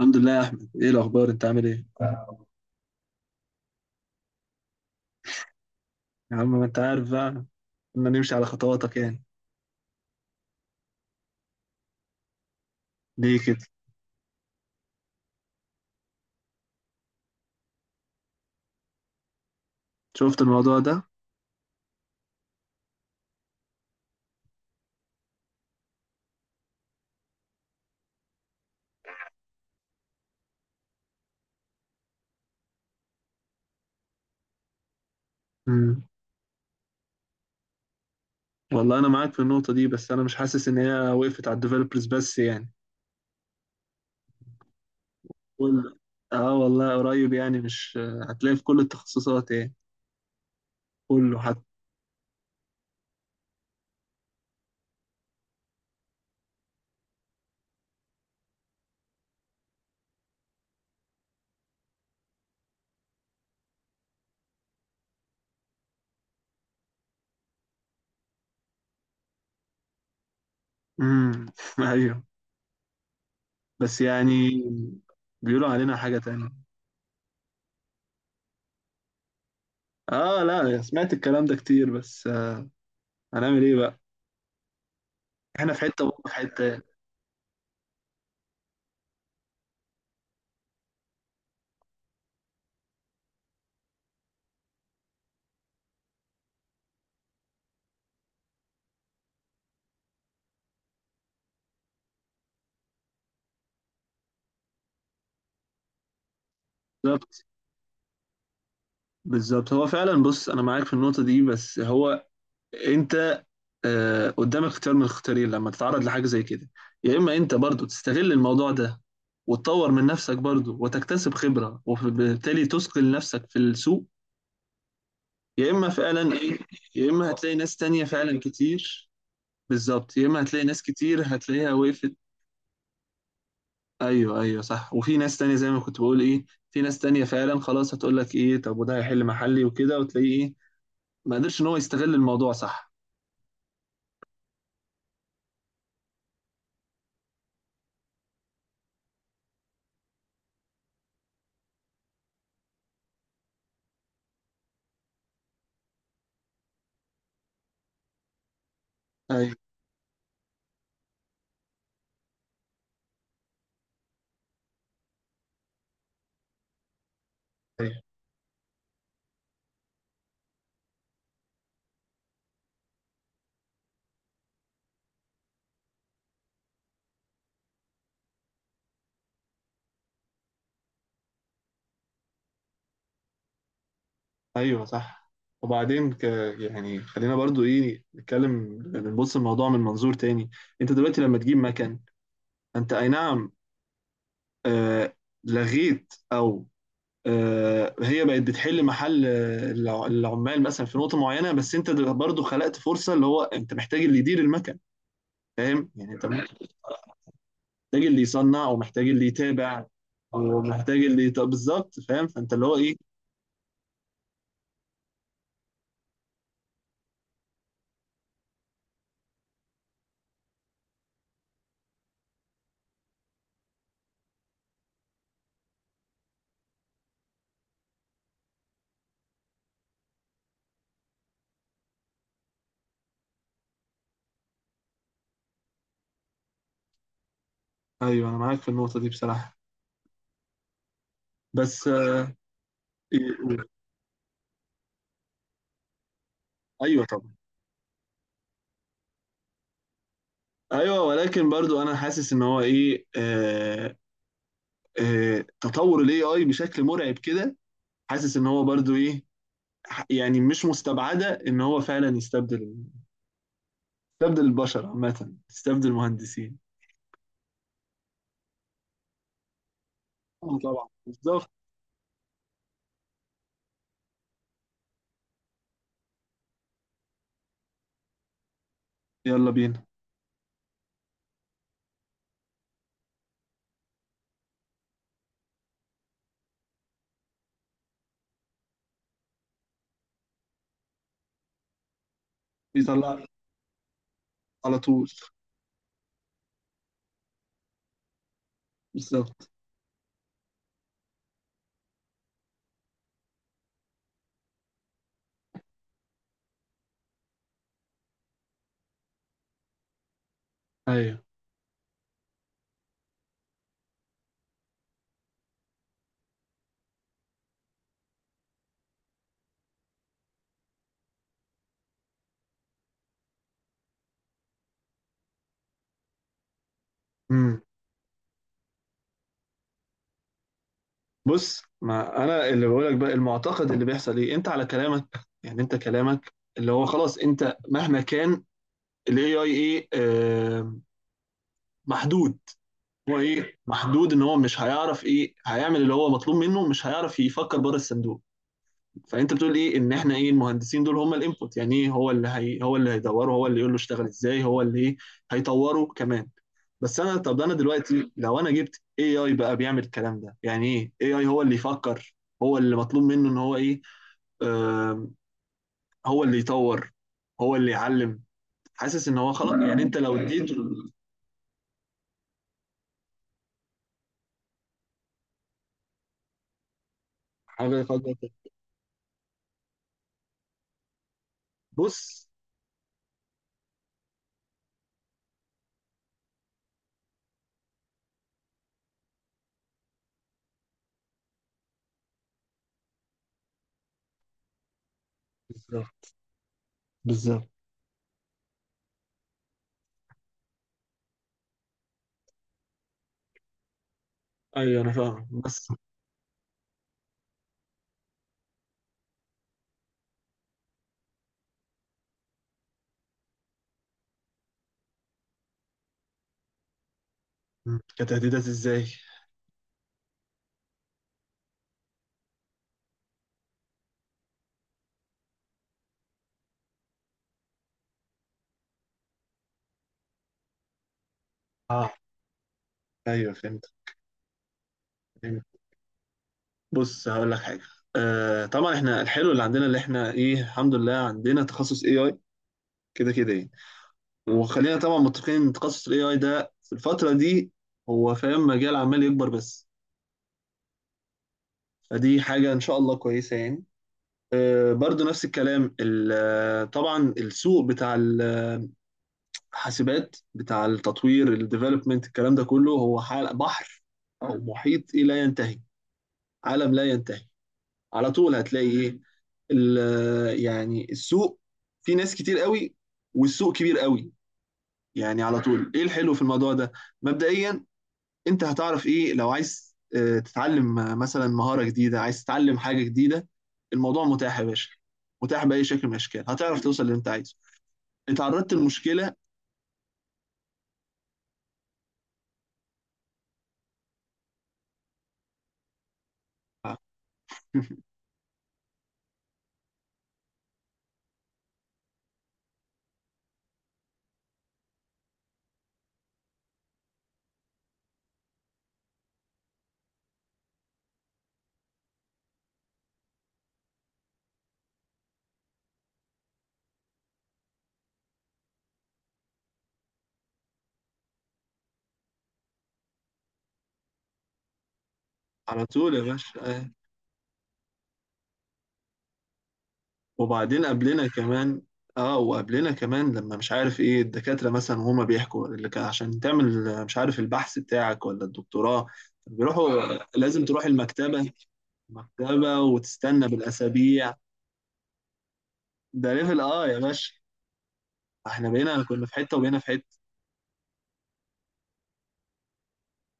الحمد لله يا احمد، ايه الاخبار؟ انت عامل ايه؟ يا عم ما انت عارف بقى، كنا نمشي على خطواتك يعني. كده شفت الموضوع ده. امم والله انا معاك في النقطه دي، بس انا مش حاسس ان هي وقفت على الديفلوبرز بس يعني. كل اه والله قريب، يعني مش هتلاقي في كل التخصصات يعني. كله حتى امم ايوه، بس يعني بيقولوا علينا حاجه تانية. اه لا، سمعت الكلام ده كتير، بس هنعمل ايه بقى؟ احنا في حته وهم في حته يعني. بالظبط، بالظبط. هو فعلا، بص انا معاك في النقطه دي، بس هو انت آه، قدامك اختيار من الاختيارين لما تتعرض لحاجه زي كده. يا اما انت برضو تستغل الموضوع ده، وتطور من نفسك برضو، وتكتسب خبره، وبالتالي تثقل نفسك في السوق. يا اما فعلا ايه يا اما هتلاقي ناس تانية فعلا كتير. بالظبط، يا اما هتلاقي ناس كتير هتلاقيها وقفت. ايوه، صح. وفي ناس تانية زي ما كنت بقول في ناس تانية فعلا خلاص هتقول لك ايه، طب وده هيحل محلي وكده، وتلاقيه ما قدرش ان هو يستغل الموضوع. صح، ايوه ايوه ايوه، صح. وبعدين يعني خلينا برضو نتكلم، نبص الموضوع من منظور تاني. انت دلوقتي لما تجيب مكن، انت اي نعم، آه لغيت، او هي بقت بتحل محل العمال مثلا في نقطة معينة، بس انت برضو خلقت فرصة، اللي هو انت محتاج اللي يدير المكن، فاهم؟ يعني انت محتاج اللي يصنع، ومحتاج اللي يتابع، ومحتاج بالظبط، فاهم. فانت اللي هو ايوه انا معاك في النقطة دي بصراحة، بس إيه- ايوه طبعا. ايوه، ولكن برضو انا حاسس ان هو ايه آه آه تطور الاي اي بشكل مرعب كده. حاسس ان هو برضو يعني مش مستبعده ان هو فعلا يستبدل، يستبدل البشر عامه، يستبدل المهندسين. آه طبعا، بالظبط. يلا بينا. بيطلع على طول. بالظبط. ايوه. امم بص، ما انا اللي بقولك بقى، المعتقد اللي بيحصل انت على كلامك يعني، انت كلامك اللي هو خلاص، انت مهما كان الاي اي ايه آه محدود. هو محدود ان هو مش هيعرف هيعمل اللي هو مطلوب منه، مش هيعرف يفكر بره الصندوق. فانت بتقول ان احنا المهندسين دول هم الانبوت، يعني ايه هو اللي هي هو اللي هيدوره، هو اللي يقول له اشتغل ازاي، هو اللي هيطوره كمان. بس انا طب انا دلوقتي لو انا جبت اي اي بقى بيعمل الكلام ده، يعني اي اي هو اللي يفكر، هو اللي مطلوب منه ان هو ايه آه هو اللي يطور، هو اللي يعلم. حاسس ان هو خلاص، يعني انت لو اديته حاجه يفكر فيها. بص، بالظبط، بالظبط. ايوه انا فاهم، بس مم، كتهديدات ازاي؟ اه، ايوه فهمت، فهمت. بص هقول لك حاجه، آه طبعا احنا الحلو اللي عندنا اللي احنا الحمد لله عندنا تخصص اي اي كده كده يعني. وخلينا طبعا متفقين ان تخصص الاي اي ده في الفتره دي هو فاهم، مجال عمال يكبر بس. فدي حاجه ان شاء الله كويسه يعني. آه برضو نفس الكلام، طبعا السوق بتاع الحاسبات، بتاع التطوير، الديفلوبمنت، الكلام ده كله هو حال بحر او محيط لا ينتهي، عالم لا ينتهي. على طول هتلاقي يعني السوق في ناس كتير قوي، والسوق كبير قوي. يعني على طول الحلو في الموضوع ده، مبدئيا، انت هتعرف لو عايز تتعلم مثلا مهارة جديدة، عايز تتعلم حاجة جديدة، الموضوع متاح يا باشا. متاح بأي شكل من الأشكال، هتعرف توصل اللي انت عايزه. اتعرضت لمشكلة، على طول يا باشا. وبعدين قبلنا كمان، اه وقبلنا كمان لما مش عارف الدكاترة مثلا وهما بيحكوا اللي كان، عشان تعمل مش عارف، البحث بتاعك ولا الدكتوراه، بيروحوا لازم تروح المكتبة، مكتبة وتستنى بالأسابيع. ده ليفل اه يا باشا. احنا بقينا كنا في حتة وبقينا في حتة.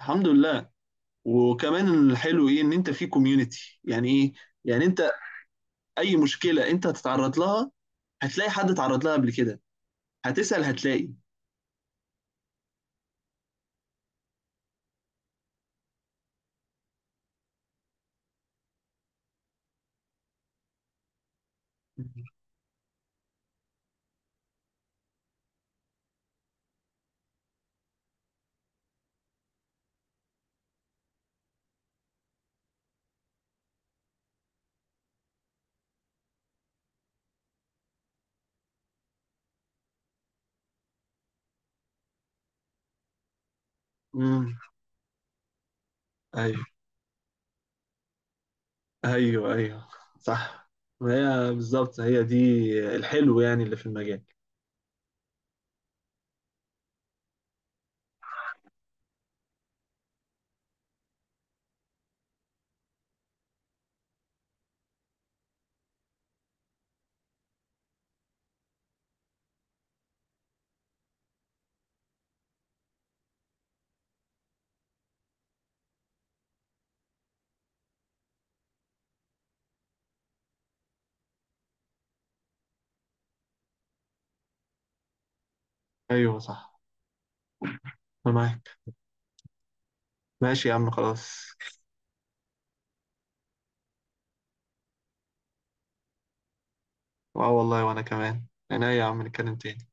الحمد لله. وكمان الحلو ان انت في كوميونتي، يعني يعني اي مشكلة انت هتتعرض لها، هتلاقي حد اتعرض لها قبل كده، هتسأل هتلاقي. امم ايوه ايوه، صح. ما هي بالظبط هي دي الحلو يعني اللي في المجال. ايوه، صح، انا معاك. ماشي يا عم، خلاص. اه والله، وانا كمان. انا يا عم نتكلم تاني.